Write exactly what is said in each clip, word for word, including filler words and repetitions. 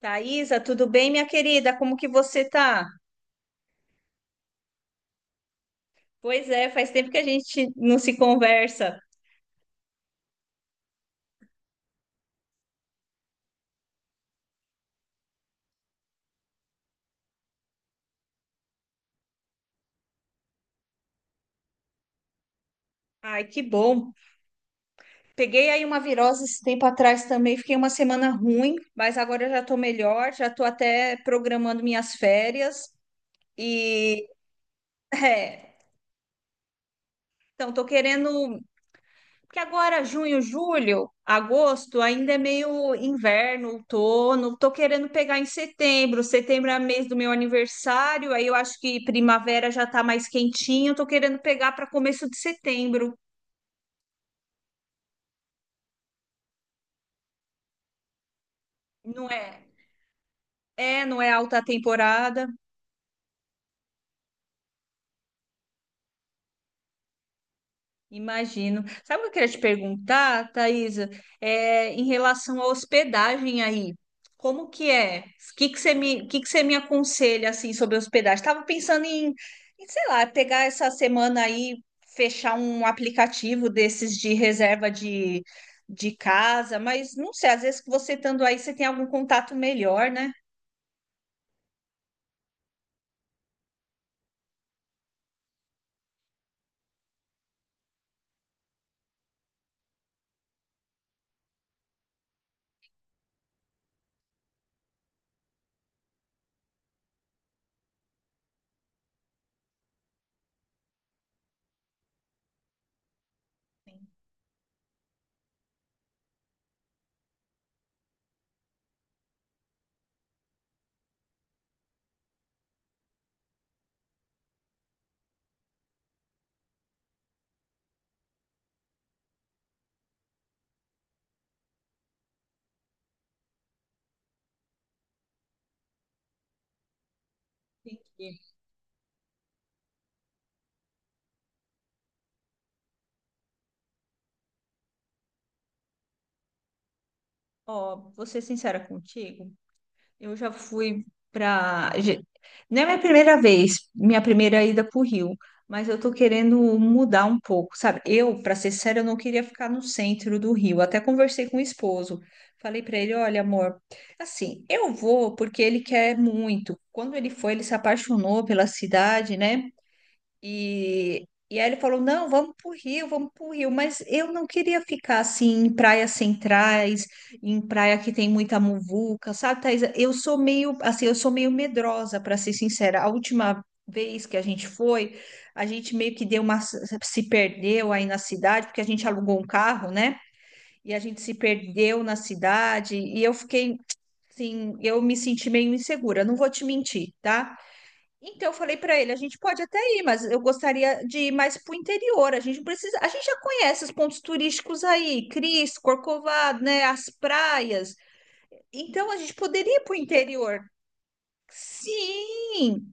Thaisa, tudo bem, minha querida? Como que você tá? Pois é, faz tempo que a gente não se conversa. Ai, que bom. Peguei aí uma virose esse tempo atrás também, fiquei uma semana ruim, mas agora eu já tô melhor, já tô até programando minhas férias e é, então tô querendo. Porque agora, junho, julho, agosto, ainda é meio inverno, outono. Tô querendo pegar em setembro. Setembro é mês do meu aniversário, aí eu acho que primavera já tá mais quentinho. Tô querendo pegar para começo de setembro. Não é? É, não é alta temporada. Imagino. Sabe o que eu queria te perguntar, Thaisa? É, em relação à hospedagem aí, como que é? O que que você me, o que que você me aconselha assim sobre hospedagem? Estava pensando em, em, sei lá, pegar essa semana aí, fechar um aplicativo desses de reserva de, de casa, mas não sei, às vezes que você estando aí, você tem algum contato melhor, né? Entendi. Ó, vou ser sincera contigo. Eu já fui para. Não é minha primeira vez, minha primeira ida para o Rio, mas eu tô querendo mudar um pouco, sabe? Eu, para ser séria, eu não queria ficar no centro do Rio. Até conversei com o esposo. Falei para ele: olha, amor, assim, eu vou porque ele quer muito. Quando ele foi, ele se apaixonou pela cidade, né? E, e aí ele falou: não, vamos para o Rio, vamos para o Rio. Mas eu não queria ficar assim em praias centrais, em praia que tem muita muvuca, sabe, Thaís? Eu sou meio assim, eu sou meio medrosa, para ser sincera. A última vez que a gente foi, a gente meio que deu uma se perdeu aí na cidade, porque a gente alugou um carro, né? E a gente se perdeu na cidade, e eu fiquei assim, eu me senti meio insegura, não vou te mentir, tá? Então, eu falei para ele, a gente pode até ir, mas eu gostaria de ir mais para o interior. A gente não precisa, a gente já conhece os pontos turísticos aí, Cris, Corcovado, né, as praias. Então, a gente poderia ir para o interior. Sim!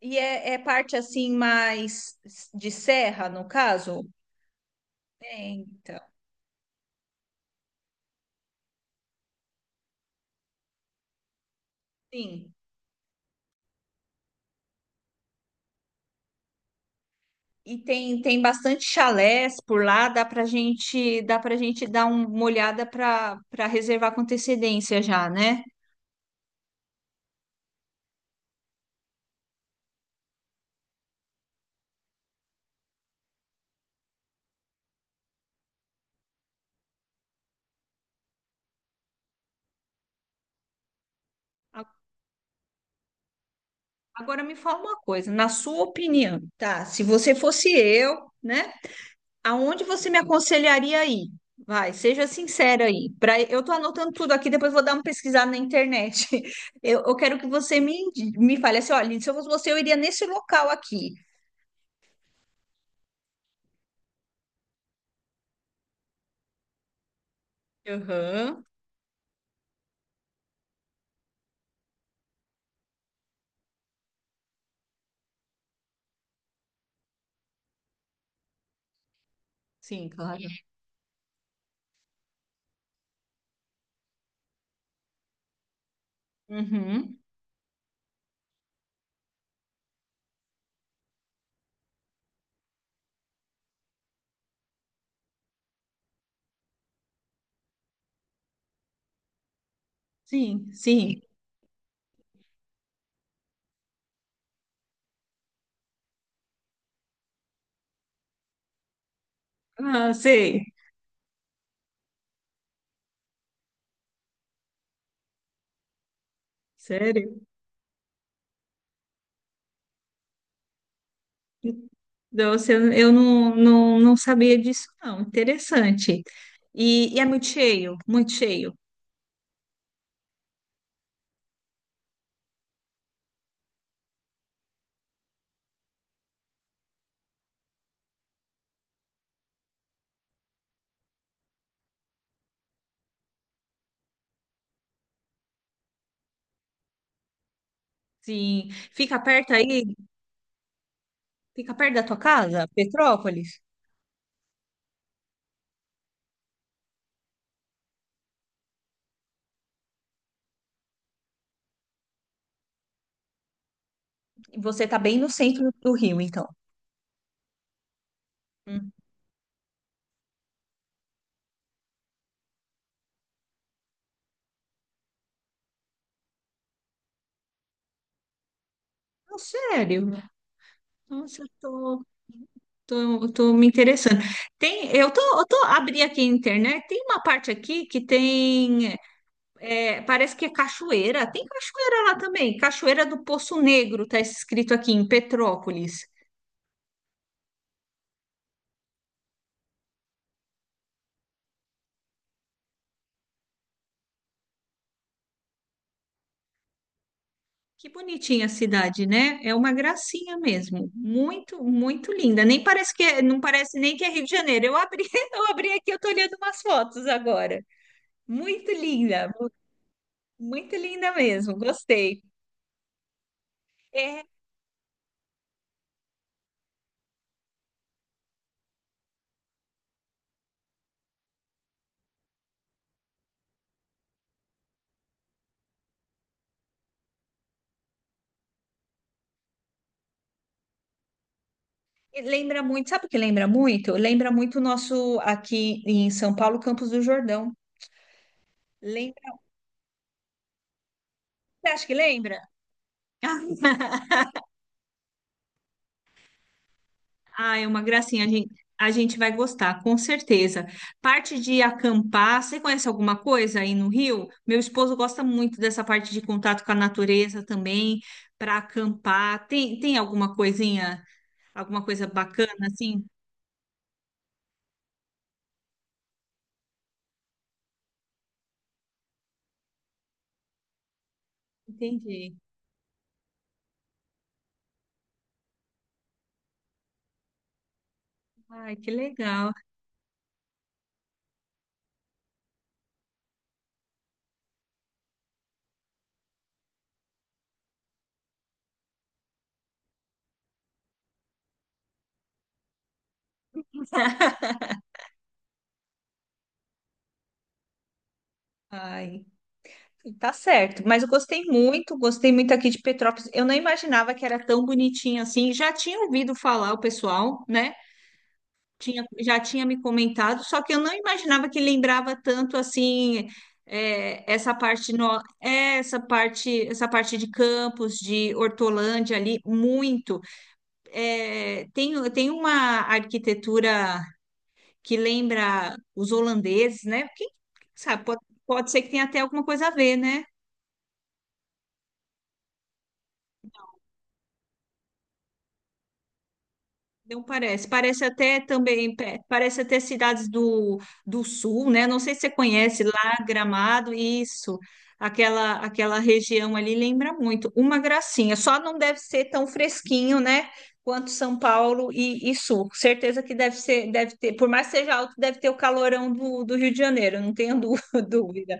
E é, é parte assim mais de serra, no caso? É, então, sim. E tem, tem bastante chalés por lá, dá pra gente, dá pra gente dar um- uma olhada para para reservar com antecedência já, né? Agora me fala uma coisa, na sua opinião, tá? Se você fosse eu, né? Aonde você me aconselharia a ir? Vai, seja sincera aí. Pra, eu tô anotando tudo aqui, depois vou dar uma pesquisada na internet. Eu, eu quero que você me, indi- me fale assim, olha, se eu fosse você, eu iria nesse local aqui. Aham. Sim, claro. Uhum. Sim, sim. Ah, sei. Sério? Nossa, eu, eu não, não, não sabia disso, não. Interessante. E, e é muito cheio, muito cheio. Sim. Fica perto aí? Fica perto da tua casa, Petrópolis? Você tá bem no centro do Rio, então. Hum. Não, sério? Nossa, eu tô, tô, tô me interessando. Tem, eu tô, eu tô abri aqui a internet, tem uma parte aqui que tem, é, parece que é cachoeira. Tem cachoeira lá também. Cachoeira do Poço Negro, tá escrito aqui em Petrópolis. Que bonitinha a cidade, né? É uma gracinha mesmo. Muito, muito linda. Nem parece que é, não parece nem que é Rio de Janeiro. Eu abri, eu abri aqui, eu tô olhando umas fotos agora. Muito linda, mu- muito linda mesmo. Gostei. É, e lembra muito, sabe o que lembra muito? Lembra muito o nosso aqui em São Paulo, Campos do Jordão. Lembra? Você acha que lembra? Ah, é uma gracinha. A gente, a gente vai gostar, com certeza. Parte de acampar, você conhece alguma coisa aí no Rio? Meu esposo gosta muito dessa parte de contato com a natureza também, para acampar. Tem, tem alguma coisinha, alguma coisa bacana assim? Entendi. Ai, que legal. Ai, tá certo, mas eu gostei muito, gostei muito aqui de Petrópolis. Eu não imaginava que era tão bonitinho assim. Já tinha ouvido falar o pessoal, né? Tinha, já tinha me comentado, só que eu não imaginava que lembrava tanto assim, é, essa parte no, é, essa parte essa parte de Campos, de Hortolândia ali muito. É, tem, tem uma arquitetura que lembra os holandeses, né? Quem sabe pode, pode ser que tenha até alguma coisa a ver, né? Não parece. Parece até também, pe- parece até cidades do, do sul, né? Não sei se você conhece lá, Gramado, isso. Aquela, aquela região ali lembra muito. Uma gracinha. Só não deve ser tão fresquinho, né? Quanto São Paulo e, e sul. Certeza que deve ser, deve ter, por mais que seja alto, deve ter o calorão do, do Rio de Janeiro, não tenho dú- dúvida.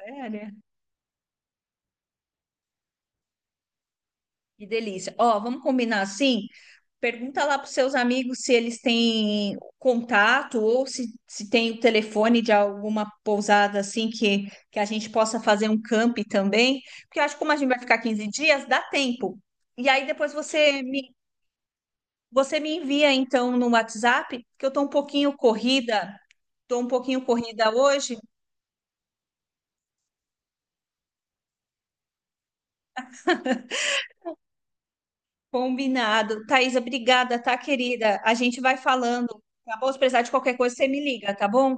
É, né? Que delícia. Ó, vamos combinar assim? Pergunta lá para os seus amigos se eles têm contato ou se, se tem o telefone de alguma pousada assim que, que a gente possa fazer um camp também. Porque eu acho que como a gente vai ficar quinze dias, dá tempo. E aí depois você me, você me envia então no WhatsApp, que eu tô um pouquinho corrida, tô um pouquinho corrida hoje. Combinado. Thaisa, obrigada, tá, querida? A gente vai falando, tá bom? Se precisar de qualquer coisa, você me liga, tá bom?